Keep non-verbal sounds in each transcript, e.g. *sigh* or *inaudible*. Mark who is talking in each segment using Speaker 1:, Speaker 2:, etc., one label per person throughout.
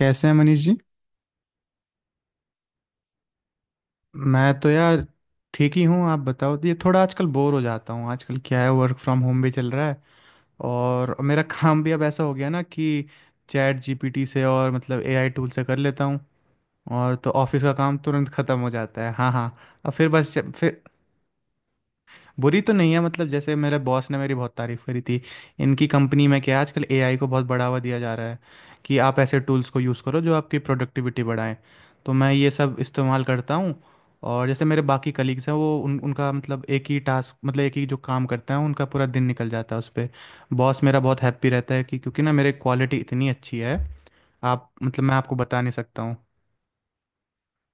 Speaker 1: कैसे हैं मनीष जी। मैं तो यार ठीक ही हूँ। आप बताओ, ये थोड़ा आजकल बोर हो जाता हूँ। आजकल क्या है, वर्क फ्रॉम होम भी चल रहा है। और मेरा काम भी अब ऐसा हो गया ना कि चैट जीपीटी से और मतलब एआई टूल से कर लेता हूँ। और तो ऑफिस का काम तुरंत ख़त्म हो जाता है। हाँ हाँ। अब फिर बस फिर। बुरी तो नहीं है, मतलब जैसे मेरे बॉस ने मेरी बहुत तारीफ करी थी। इनकी कंपनी में क्या है, आजकल एआई को बहुत बढ़ावा दिया जा रहा है कि आप ऐसे टूल्स को यूज़ करो जो आपकी प्रोडक्टिविटी बढ़ाएं। तो मैं ये सब इस्तेमाल करता हूँ। और जैसे मेरे बाकी कलीग्स हैं, वो उन उनका मतलब एक ही टास्क, मतलब एक ही जो काम करते हैं, उनका पूरा दिन निकल जाता है उस पर। बॉस मेरा बहुत हैप्पी रहता है कि क्योंकि ना मेरे क्वालिटी इतनी अच्छी है। आप मतलब मैं आपको बता नहीं सकता हूँ।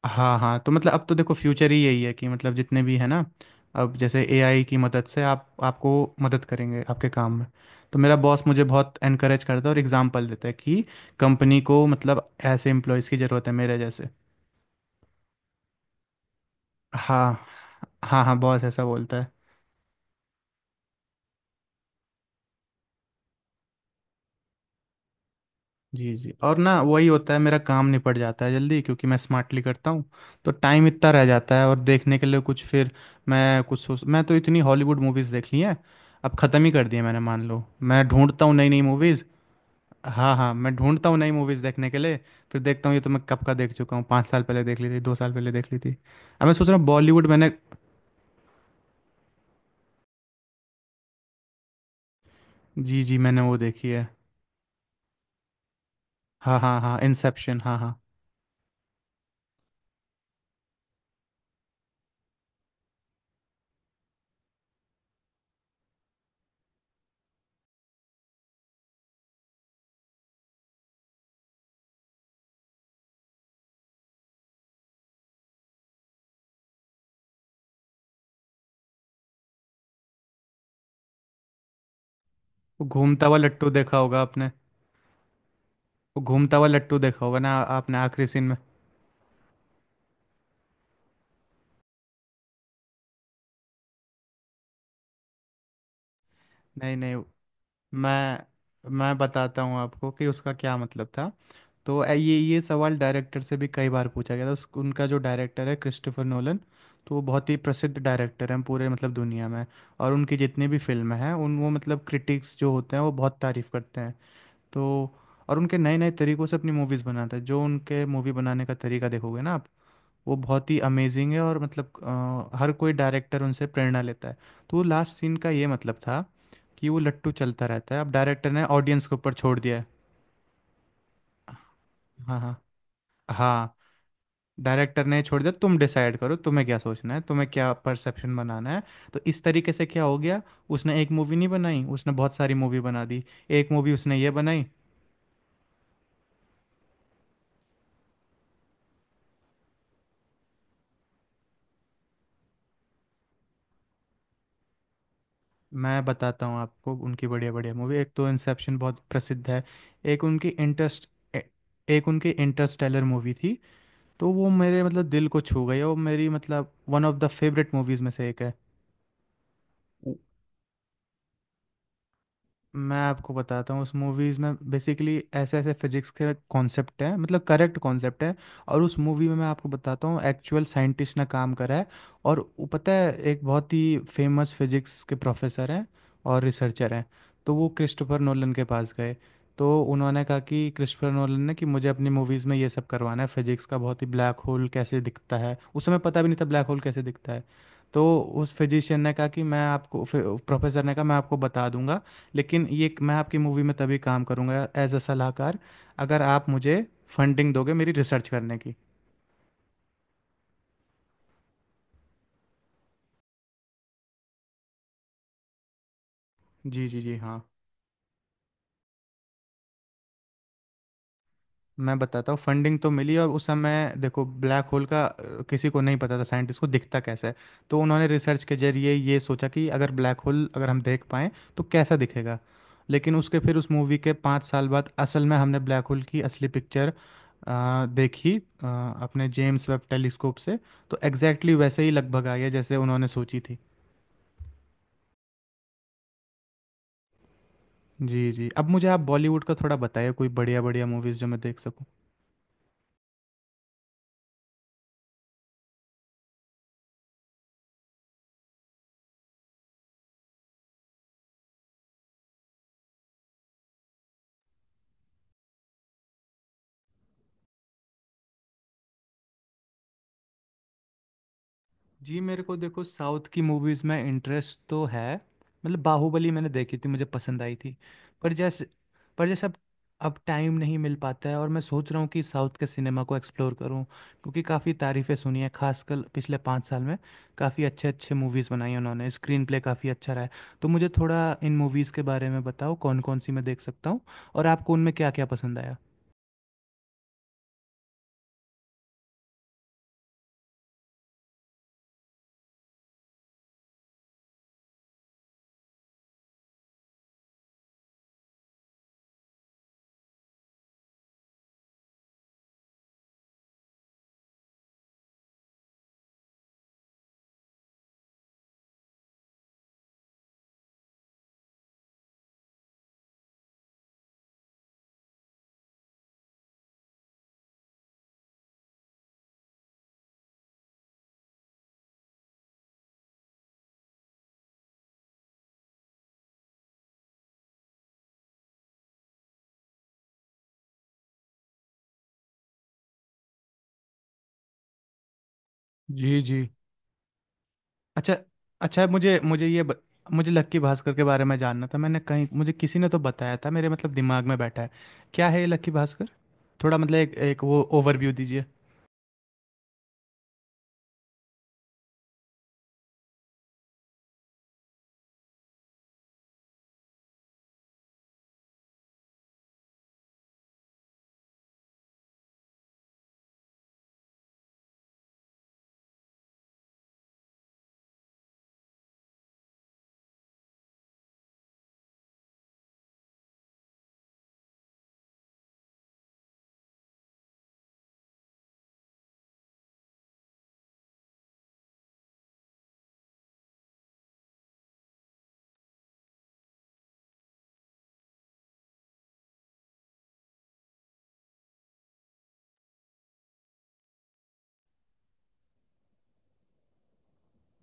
Speaker 1: हाँ हाँ। तो मतलब अब तो देखो फ्यूचर ही यही है कि मतलब जितने भी है ना। अब जैसे एआई की मदद से आप आपको मदद करेंगे आपके काम में। तो मेरा बॉस मुझे बहुत एनकरेज करता है और एग्जांपल देता है कि कंपनी को मतलब ऐसे एम्प्लॉयज़ की ज़रूरत है मेरे जैसे। हाँ। हाँ हाँ, बॉस ऐसा बोलता है। जी जी। और ना वही होता है, मेरा काम निपट जाता है जल्दी, क्योंकि मैं स्मार्टली करता हूँ। तो टाइम इतना रह जाता है और देखने के लिए कुछ फिर मैं कुछ सोच मैं तो इतनी हॉलीवुड मूवीज़ देख ली हैं। अब ख़त्म ही कर दी है मैंने, मान लो। मैं ढूंढता हूँ नई नई मूवीज़। हाँ हाँ, मैं ढूंढता हूँ नई मूवीज़ देखने के लिए। फिर देखता हूँ ये तो मैं कब का देख चुका हूँ। 5 साल पहले देख ली थी, 2 साल पहले देख ली थी। अब मैं सोच रहा हूँ बॉलीवुड मैंने। जी जी, मैंने वो देखी है। हाँ हाँ हाँ, इंसेप्शन। हाँ हाँ। वो घूमता हुआ लट्टू देखा होगा आपने। वो घूमता हुआ लट्टू देखा होगा ना आपने, आखिरी सीन में। नहीं नहीं। मैं मैं बताता हूँ आपको कि उसका क्या मतलब था। तो ये सवाल डायरेक्टर से भी कई बार पूछा गया था। उनका जो डायरेक्टर है क्रिस्टोफर नोलन। तो वो बहुत ही प्रसिद्ध डायरेक्टर हैं पूरे, मतलब दुनिया में। और उनकी जितनी भी फिल्में हैं उन वो मतलब क्रिटिक्स जो होते हैं वो बहुत तारीफ़ करते हैं। तो और उनके नए नए तरीक़ों से अपनी मूवीज़ बनाते हैं, जो उनके मूवी बनाने का तरीका देखोगे ना आप। वो बहुत ही अमेजिंग है और मतलब हर कोई डायरेक्टर उनसे प्रेरणा लेता है। तो लास्ट सीन का ये मतलब था कि वो लट्टू चलता रहता है, अब डायरेक्टर ने ऑडियंस के ऊपर छोड़ दिया है। हाँ हाँ। हाँ, डायरेक्टर ने छोड़ दिया, तुम डिसाइड करो तुम्हें क्या सोचना है, तुम्हें क्या परसेप्शन बनाना है। तो इस तरीके से क्या हो गया, उसने एक मूवी नहीं बनाई, उसने बहुत सारी मूवी बना दी। एक मूवी उसने ये बनाई। मैं बताता हूँ आपको उनकी बढ़िया बढ़िया मूवी। एक तो इंसेप्शन बहुत प्रसिद्ध है। एक उनकी इंटरेस्ट एक उनकी इंटरस्टेलर मूवी थी। तो वो मेरे मतलब दिल को छू गई, और मेरी मतलब one of the favourite movies में से एक है। मैं आपको बताता हूँ उस मूवीज़ में बेसिकली ऐसे ऐसे फिजिक्स के कॉन्सेप्ट हैं, मतलब करेक्ट कॉन्सेप्ट है। और उस मूवी में मैं आपको बताता हूँ एक्चुअल साइंटिस्ट ने काम करा है। और वो पता है एक बहुत ही फेमस फिजिक्स के प्रोफेसर हैं और रिसर्चर हैं। तो वो क्रिस्टोफर नोलन के पास गए। तो उन्होंने कहा कि क्रिस्टोफर नोलन ने, कि मुझे अपनी मूवीज़ में ये सब करवाना है, फिजिक्स का बहुत ही ब्लैक होल कैसे दिखता है। उस समय पता भी नहीं था ब्लैक होल कैसे दिखता है। तो उस फिजिशियन ने कहा कि मैं आपको, प्रोफेसर ने कहा, मैं आपको बता दूंगा। लेकिन ये मैं आपकी मूवी में तभी काम करूँगा एज अ सलाहकार, अगर आप मुझे फंडिंग दोगे मेरी रिसर्च करने की। जी जी जी। हाँ। मैं बताता हूँ फंडिंग तो मिली, और उस समय देखो ब्लैक होल का किसी को नहीं पता था साइंटिस्ट को, दिखता कैसा है। तो उन्होंने रिसर्च के जरिए ये सोचा कि अगर ब्लैक होल अगर हम देख पाएँ तो कैसा दिखेगा। लेकिन उसके फिर उस मूवी के 5 साल बाद असल में हमने ब्लैक होल की असली पिक्चर देखी अपने जेम्स वेब टेलीस्कोप से। तो एग्जैक्टली वैसे ही लगभग आई है जैसे उन्होंने सोची थी। जी, जी। अब मुझे आप बॉलीवुड का थोड़ा बताइए कोई बढ़िया-बढ़िया मूवीज़ जो मैं देख सकूँ। जी, मेरे को देखो साउथ की मूवीज़ में इंटरेस्ट तो है, मतलब बाहुबली मैंने देखी थी, मुझे पसंद आई थी। पर जैसे पर जैसे अब टाइम नहीं मिल पाता है और मैं सोच रहा हूँ कि साउथ के सिनेमा को एक्सप्लोर करूँ। क्योंकि काफ़ी तारीफ़ें सुनी हैं, खासकर पिछले 5 साल में काफ़ी अच्छे-अच्छे मूवीज़ बनाई हैं उन्होंने, स्क्रीन प्ले काफ़ी अच्छा रहा है। तो मुझे थोड़ा इन मूवीज़ के बारे में बताओ कौन-कौन सी मैं देख सकता हूँ और आपको उनमें क्या-क्या पसंद आया? जी, जी। अच्छा, अच्छा, मुझे मुझे मुझे लक्की भास्कर के बारे में जानना था, मैंने कहीं मुझे किसी ने तो बताया था, मेरे मतलब दिमाग में बैठा है। क्या है ये लक्की भास्कर? थोड़ा मतलब एक एक वो ओवरव्यू दीजिए।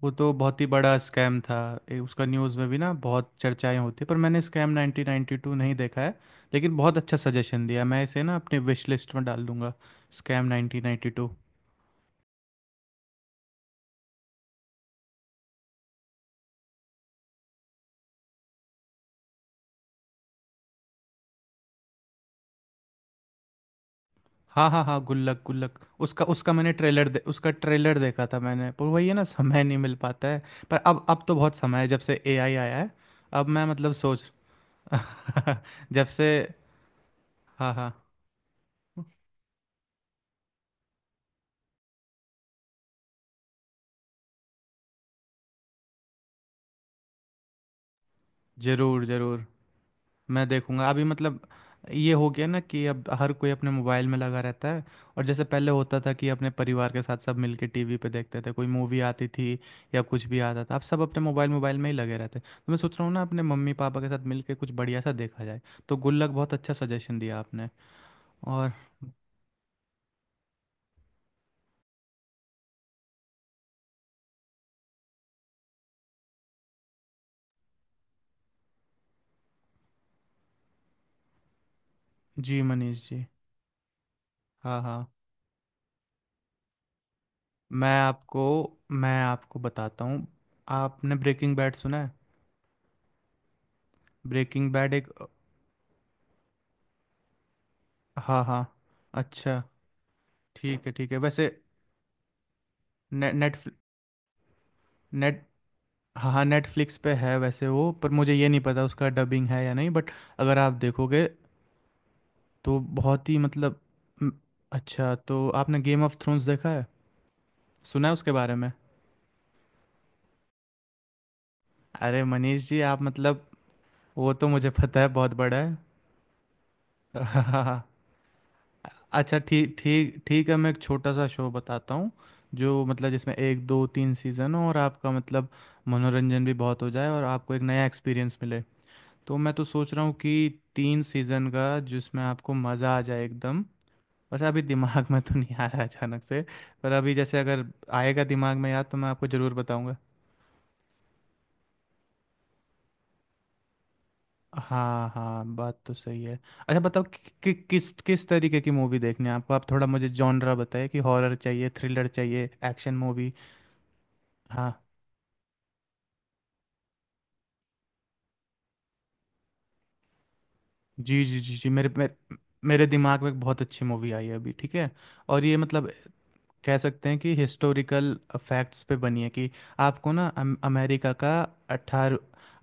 Speaker 1: वो तो बहुत ही बड़ा स्कैम था। उसका न्यूज़ में भी ना बहुत चर्चाएं होती है, पर मैंने स्कैम 1992 नहीं देखा है। लेकिन बहुत अच्छा सजेशन दिया, मैं इसे ना अपने विश लिस्ट में डाल दूंगा, स्कैम 1992। हाँ हाँ हाँ, गुल्लक गुल्लक। उसका उसका उसका ट्रेलर देखा था मैंने, पर वही है ना, समय नहीं मिल पाता है। पर अब तो बहुत समय है जब से एआई आया है। अब मैं मतलब सोच। *laughs* जब से। हाँ हाँ। जरूर जरूर। मैं देखूंगा अभी मतलब। ये हो गया ना कि अब हर कोई अपने मोबाइल में लगा रहता है। और जैसे पहले होता था कि अपने परिवार के साथ सब मिलके टीवी पे देखते थे, कोई मूवी आती थी या कुछ भी आता था, अब सब अपने मोबाइल मोबाइल में ही लगे रहते हैं, तो मैं सोच रहा हूँ ना अपने मम्मी पापा के साथ मिलके कुछ बढ़िया सा देखा जाए। तो गुल्लक बहुत अच्छा सजेशन दिया आपने। और। जी मनीष जी। हाँ हाँ। मैं आपको मैं आपको बताता हूँ। आपने ब्रेकिंग बैड सुना है? ब्रेकिंग बैड एक। हाँ हाँ। अच्छा, ठीक है वैसे। ने, नेट हाँ हाँ, नेटफ्लिक्स पे है वैसे वो, पर मुझे ये नहीं पता उसका डबिंग है या नहीं, बट। अगर आप देखोगे तो बहुत ही मतलब म, अच्छा, तो आपने गेम ऑफ थ्रोन्स देखा है? सुना है उसके बारे में? अरे मनीष जी, आप मतलब, वो तो मुझे पता है बहुत बड़ा है। *laughs* अच्छा, ठीक ठीक ठीक है। मैं एक छोटा सा शो बताता हूँ, जो मतलब जिसमें एक दो तीन सीज़न हो और आपका मतलब मनोरंजन भी बहुत हो जाए और आपको एक नया एक्सपीरियंस मिले। तो मैं तो सोच रहा हूँ कि तीन सीज़न का जिसमें आपको मज़ा आ जाए एकदम। वैसे अभी दिमाग में तो नहीं आ रहा अचानक से। पर अभी जैसे अगर आएगा दिमाग में याद तो मैं आपको ज़रूर बताऊंगा। हाँ हाँ, बात तो सही है। अच्छा बताओ किस किस तरीके की मूवी देखनी है आपको। आप थोड़ा मुझे जॉनरा बताइए, कि हॉरर चाहिए, थ्रिलर चाहिए, एक्शन मूवी। हाँ। जी जी जी जी, मेरे मेरे, मेरे दिमाग में एक बहुत अच्छी मूवी आई है अभी। ठीक है। और ये मतलब कह सकते हैं कि हिस्टोरिकल फैक्ट्स पे बनी है, कि आपको ना अमेरिका का। अठारह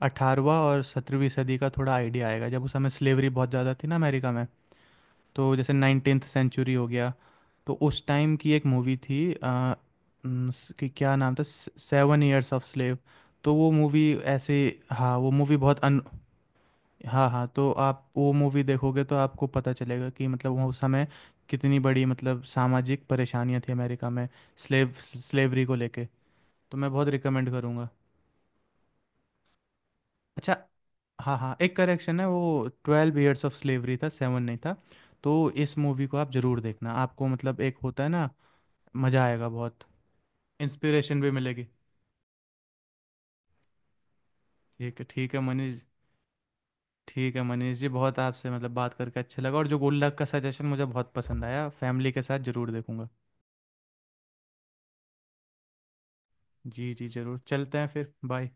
Speaker 1: 18वां और 17वीं सदी का थोड़ा आइडिया आएगा, जब उस समय स्लेवरी बहुत ज़्यादा थी ना अमेरिका में। तो जैसे नाइनटीन्थ सेंचुरी हो गया। तो उस टाइम की एक मूवी थी अ, न, स- कि क्या नाम था, सेवन ईयर्स ऑफ स्लेव। तो वो मूवी ऐसे। हाँ, वो मूवी बहुत। हाँ हाँ, तो आप वो मूवी देखोगे तो आपको पता चलेगा कि मतलब वो उस समय कितनी बड़ी मतलब सामाजिक परेशानियां थी अमेरिका में स्लेवरी को लेके। तो मैं बहुत रिकमेंड करूँगा। अच्छा। हाँ हाँ, एक करेक्शन है, वो ट्वेल्व ईयर्स ऑफ स्लेवरी था, सेवन नहीं था। तो इस मूवी को आप ज़रूर देखना, आपको मतलब एक होता है ना। मज़ा आएगा बहुत। इंस्पिरेशन भी मिलेगी। ठीक है मनीष। ठीक है मनीष जी, बहुत आपसे मतलब बात करके अच्छा लगा। और जो गुल्लक का सजेशन मुझे बहुत पसंद आया, फैमिली के साथ ज़रूर देखूंगा। जी जी, जरूर। चलते हैं फिर, बाय।